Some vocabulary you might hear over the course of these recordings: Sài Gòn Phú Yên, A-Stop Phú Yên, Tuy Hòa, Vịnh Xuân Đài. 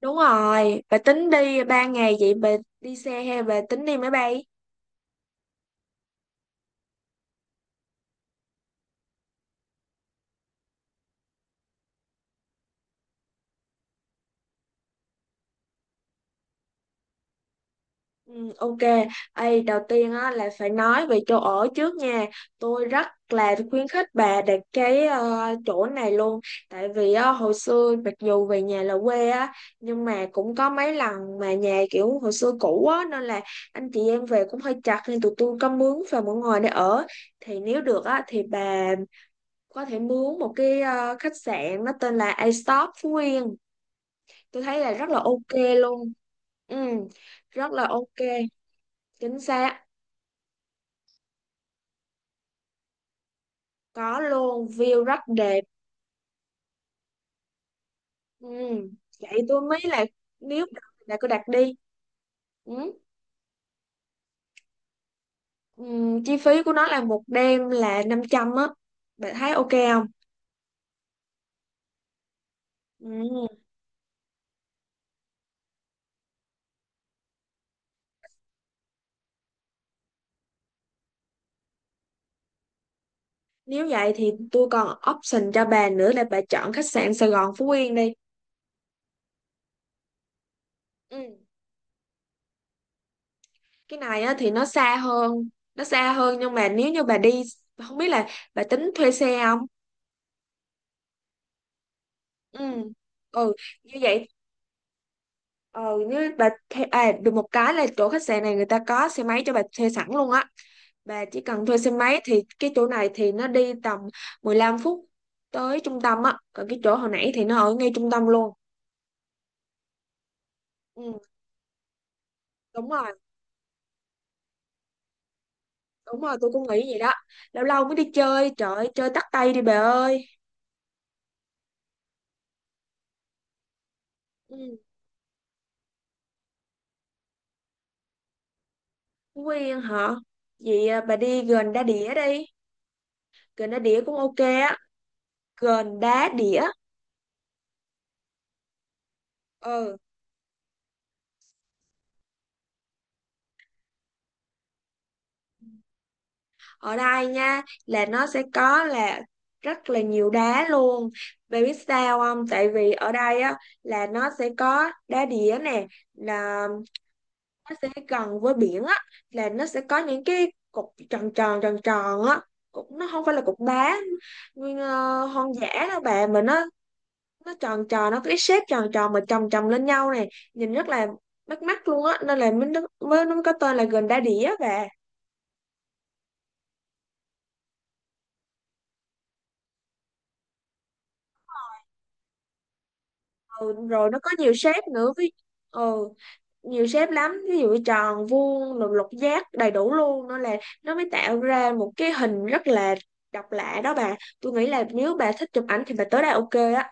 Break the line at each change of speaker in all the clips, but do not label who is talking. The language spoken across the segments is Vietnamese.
Đúng rồi, bà tính đi 3 ngày vậy bà đi xe hay bà tính đi máy bay? Ừ, ok. Ê, đầu tiên á, là phải nói về chỗ ở trước nha. Tôi rất là khuyến khích bà đặt cái chỗ này luôn. Tại vì á, hồi xưa mặc dù về nhà là quê á, nhưng mà cũng có mấy lần mà nhà kiểu hồi xưa cũ á, nên là anh chị em về cũng hơi chặt nên tụi tôi có mướn và mọi người để ở. Thì nếu được á, thì bà có thể mướn một cái khách sạn, nó tên là A-Stop Phú Yên, tôi thấy là rất là ok luôn. Ừ, rất là ok, chính xác. Có luôn, view rất đẹp. Ừ, vậy tôi mới là, nếu đặt là cứ đặt đi. Ừ. Ừ. Chi phí của nó là một đêm là 500 á, bạn thấy ok không? Ừ, nếu vậy thì tôi còn option cho bà nữa, là bà chọn khách sạn Sài Gòn Phú Yên đi. Ừ, cái này á, thì nó xa hơn. Nó xa hơn, nhưng mà nếu như bà đi, không biết là bà tính thuê xe không? Ừ, ừ, như vậy. Ờ, như bà thuê, à, được một cái là chỗ khách sạn này người ta có xe máy cho bà thuê sẵn luôn á. Bà chỉ cần thuê xe máy thì cái chỗ này thì nó đi tầm 15 phút tới trung tâm á, còn cái chỗ hồi nãy thì nó ở ngay trung tâm luôn. Ừ, đúng rồi. Đúng rồi, tôi cũng nghĩ vậy đó. Lâu lâu mới đi chơi, trời ơi, chơi tắt tay đi bà ơi. Ừ, quen hả? Vậy à, bà đi gần đá đĩa đi. Gần đá đĩa cũng ok á. Gần đá đĩa. Ừ, ở đây nha, là nó sẽ có là rất là nhiều đá luôn. Bạn biết sao không, tại vì ở đây á, là nó sẽ có đá đĩa nè, là nó sẽ gần với biển á, là nó sẽ có những cái cục tròn tròn tròn tròn á. Cục nó không phải là cục đá nguyên hoang dã đâu bạn, mà nó tròn tròn, nó có cái shape tròn tròn mà chồng chồng lên nhau này, nhìn rất là bắt mắt luôn á, nên là mới mới nó có tên là gần đá đĩa. Và ừ, rồi nó có nhiều shape nữa với. Ừ, nhiều shape lắm, ví dụ tròn, vuông rồi lục giác đầy đủ luôn, nên là nó mới tạo ra một cái hình rất là độc lạ đó bà. Tôi nghĩ là nếu bà thích chụp ảnh thì bà tới đây ok á.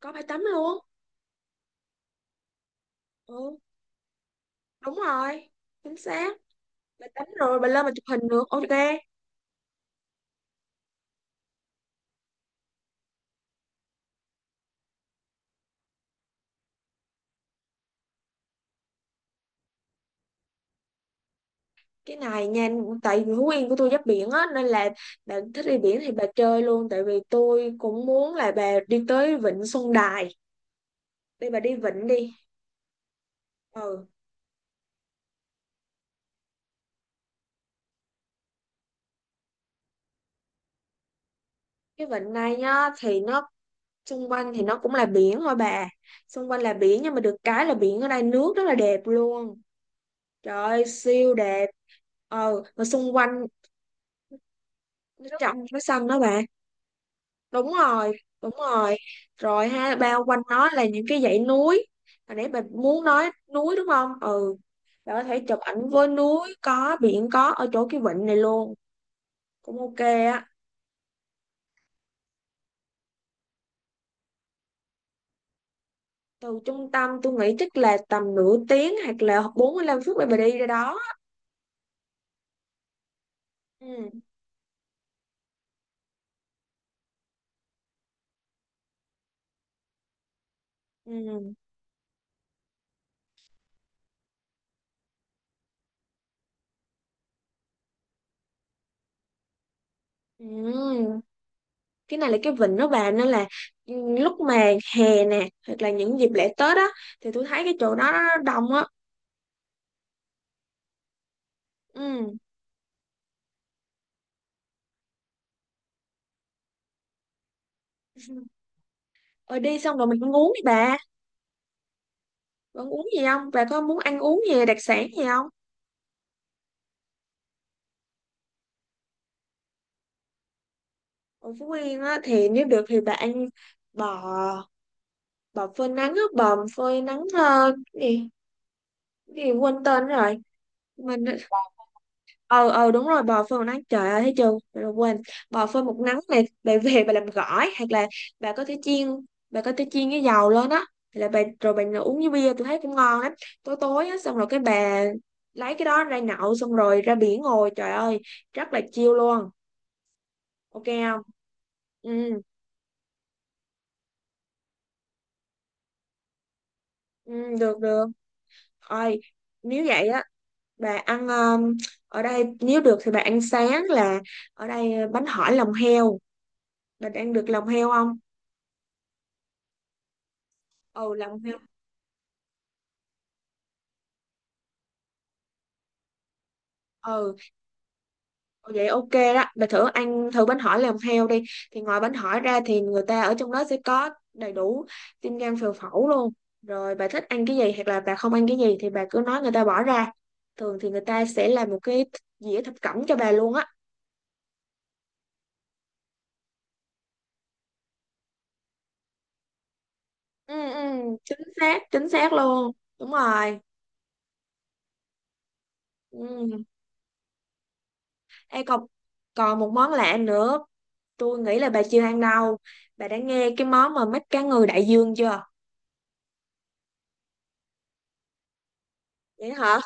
Có bãi tắm luôn. Ừ, đúng rồi, chính xác. Bà tắm rồi bà lên mà chụp hình được, ok. Cái này nha, tại vì Phú Yên của tôi giáp biển á, nên là bà thích đi biển thì bà chơi luôn. Tại vì tôi cũng muốn là bà đi tới Vịnh Xuân Đài. Đi bà, đi vịnh đi. Ừ, cái vịnh này nhá, thì nó xung quanh thì nó cũng là biển thôi bà. Xung quanh là biển nhưng mà được cái là biển ở đây nước rất là đẹp luôn, trời ơi, siêu đẹp. Ờ, mà xung quanh nó trong, nó xanh đó bà. Đúng rồi, đúng rồi. Rồi ha, bao quanh nó là những cái dãy núi. Hồi nãy bà muốn nói núi đúng không? Ừ, bà có thể chụp ảnh với núi, có biển, có ở chỗ cái vịnh này luôn, cũng ok á. Từ trung tâm tôi nghĩ chắc là tầm nửa tiếng hoặc là 45 phút để bà đi ra đó. Ừ, ừ. Ừm, cái này là cái vịnh đó bà, nên là lúc mà hè nè hoặc là những dịp lễ Tết á, thì tôi thấy cái chỗ đó nó đông á. Ừ. Rồi, đi xong rồi mình ăn uống đi bà. Bà ăn uống gì không, bà có muốn ăn uống gì đặc sản gì không? Ở Phú Yên á, thì nếu được thì bà ăn bò bò phơi nắng á, bò phơi nắng, cái gì, cái gì quên tên rồi. Mình, ờ đúng rồi, bò phơi một nắng, trời ơi, thấy chưa, trời, quên. Bò phơi một nắng này, bà về bà làm gỏi, hoặc là bà có thể chiên, cái dầu lên á. Hoặc là bà rồi bà uống với bia tôi thấy cũng ngon lắm. Tối tối á, xong rồi cái bà lấy cái đó ra nhậu, xong rồi ra biển ngồi, trời ơi, rất là chill luôn. Ok không? Ừ, ừ, được được. Ơi, nếu vậy á, bà ăn ở đây, nếu được thì bà ăn sáng là ở đây bánh hỏi lòng heo. Bà ăn được lòng heo không? Ừ, lòng heo. Ừ, vậy ok đó, bà thử ăn thử bánh hỏi làm theo đi. Thì ngoài bánh hỏi ra thì người ta ở trong đó sẽ có đầy đủ tim, gan, phèo, phẫu luôn. Rồi bà thích ăn cái gì hoặc là bà không ăn cái gì thì bà cứ nói người ta bỏ ra. Thường thì người ta sẽ làm một cái dĩa thập cẩm cho bà luôn á. Ừ ừ, chính xác, chính xác luôn, đúng rồi. Ừ, ê, còn còn một món lạ nữa, tôi nghĩ là bà chưa ăn đâu. Bà đã nghe cái món mà mắt cá ngừ đại dương chưa? Vậy hả,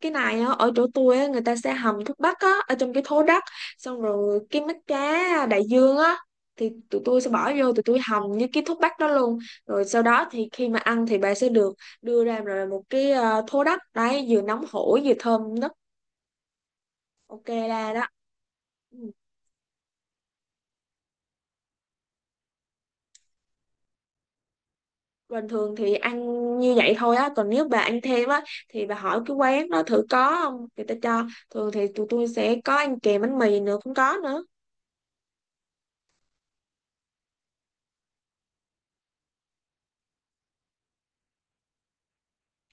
cái này á, ở chỗ tôi á, người ta sẽ hầm thuốc bắc á, ở trong cái thố đất. Xong rồi cái mắt cá đại dương á, thì tụi tôi sẽ bỏ vô, tụi tôi hầm với cái thuốc bắc đó luôn. Rồi sau đó thì khi mà ăn thì bà sẽ được đưa ra rồi một cái thố đất đấy, vừa nóng hổi vừa thơm nức, ok ra đó. Ừ, bình thường thì ăn như vậy thôi á, còn nếu bà ăn thêm á thì bà hỏi cái quán đó thử có không, người ta cho. Thường thì tụi tôi sẽ có ăn kèm bánh mì nữa, cũng có nữa.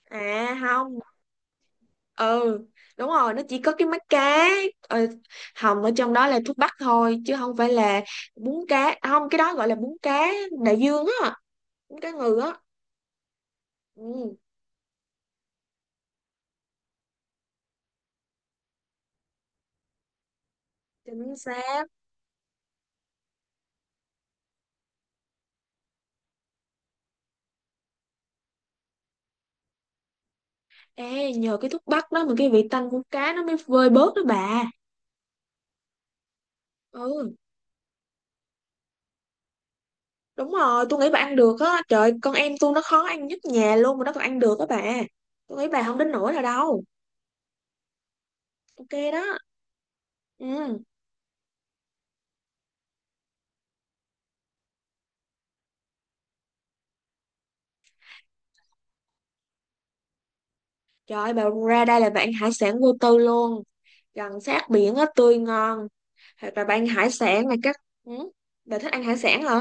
À không, ừ, đúng rồi, nó chỉ có cái mắt cá ờ, hồng ở trong đó, là thuốc bắc thôi, chứ không phải là bún cá. À, không, cái đó gọi là bún cá đại dương á, bún cá ngừ á. Ừ, chính xác. Ê, nhờ cái thuốc bắc đó mà cái vị tanh của cá nó mới vơi bớt đó bà. Ừ, đúng rồi, tôi nghĩ bà ăn được á. Trời, con em tôi nó khó ăn nhất nhà luôn mà nó còn ăn được á bà, tôi nghĩ bà không đến nỗi nào đâu. Ok đó. Ừ, trời ơi, bà, ra đây là bạn hải sản vô tư luôn, gần sát biển á, tươi ngon. Hoặc là bà ăn hải sản này các. Ừ, bà thích ăn hải sản hả?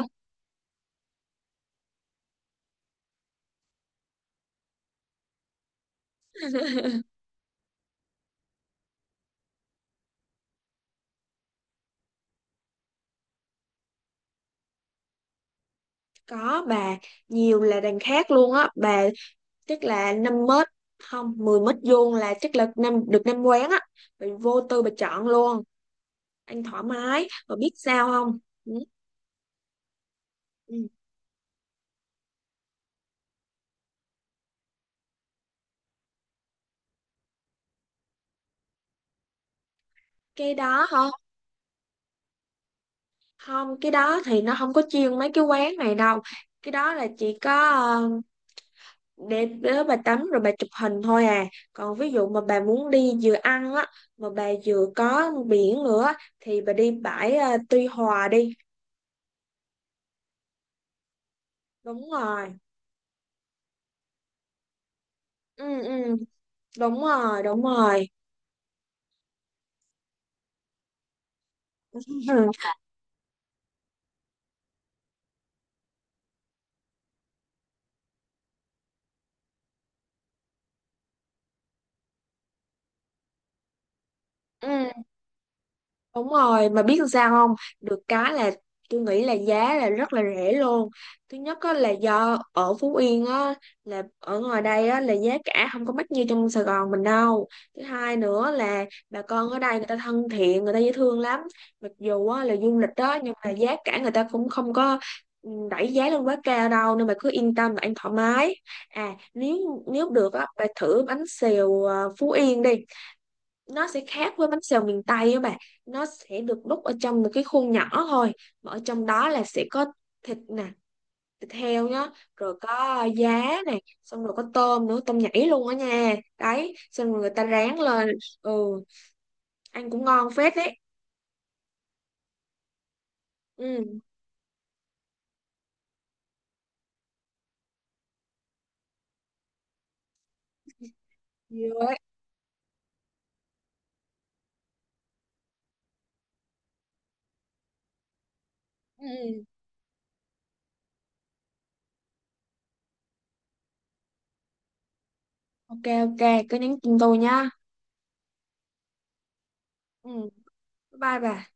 Có bà, nhiều là đằng khác luôn á bà. Chắc là 5 mét, không, 10 mét vuông là chắc là năm quán á. Bà vô tư bà chọn luôn, ăn thoải mái. Bà biết sao không? Ừ. Ừ, cái đó hả? Không, cái đó thì nó không có chuyên mấy cái quán này đâu. Cái đó là chỉ có để đó bà tắm rồi bà chụp hình thôi à. Còn ví dụ mà bà muốn đi vừa ăn á, mà bà vừa có biển nữa á, thì bà đi bãi, à, Tuy Hòa đi. Đúng rồi. Ừ ừ, đúng rồi, đúng rồi. Ừ. Đúng rồi, mà biết làm sao không? Được cái là tôi nghĩ là giá là rất là rẻ luôn. Thứ nhất á, là do ở Phú Yên á, là ở ngoài đây á, là giá cả không có mắc như trong Sài Gòn mình đâu. Thứ hai nữa là bà con ở đây người ta thân thiện, người ta dễ thương lắm. Mặc dù á, là du lịch đó nhưng mà giá cả người ta cũng không có, ừ, đẩy giá lên quá cao đâu, nên bà cứ yên tâm và ăn thoải mái. À, nếu nếu được á, bà thử bánh xèo Phú Yên đi. Nó sẽ khác với bánh xèo miền Tây á bạn. Nó sẽ được đút ở trong một cái khuôn nhỏ thôi, mà ở trong đó là sẽ có thịt nè, thịt heo nhá, rồi có giá này, xong rồi có tôm nữa, tôm nhảy luôn á nha đấy, xong rồi người ta rán lên. Ừ, ăn cũng ngon phết đấy. Ừ, nhiều đấy. Ừ ừ, ok ok, cứ nhắn tin tôi nha. Ừ, bye bye bà.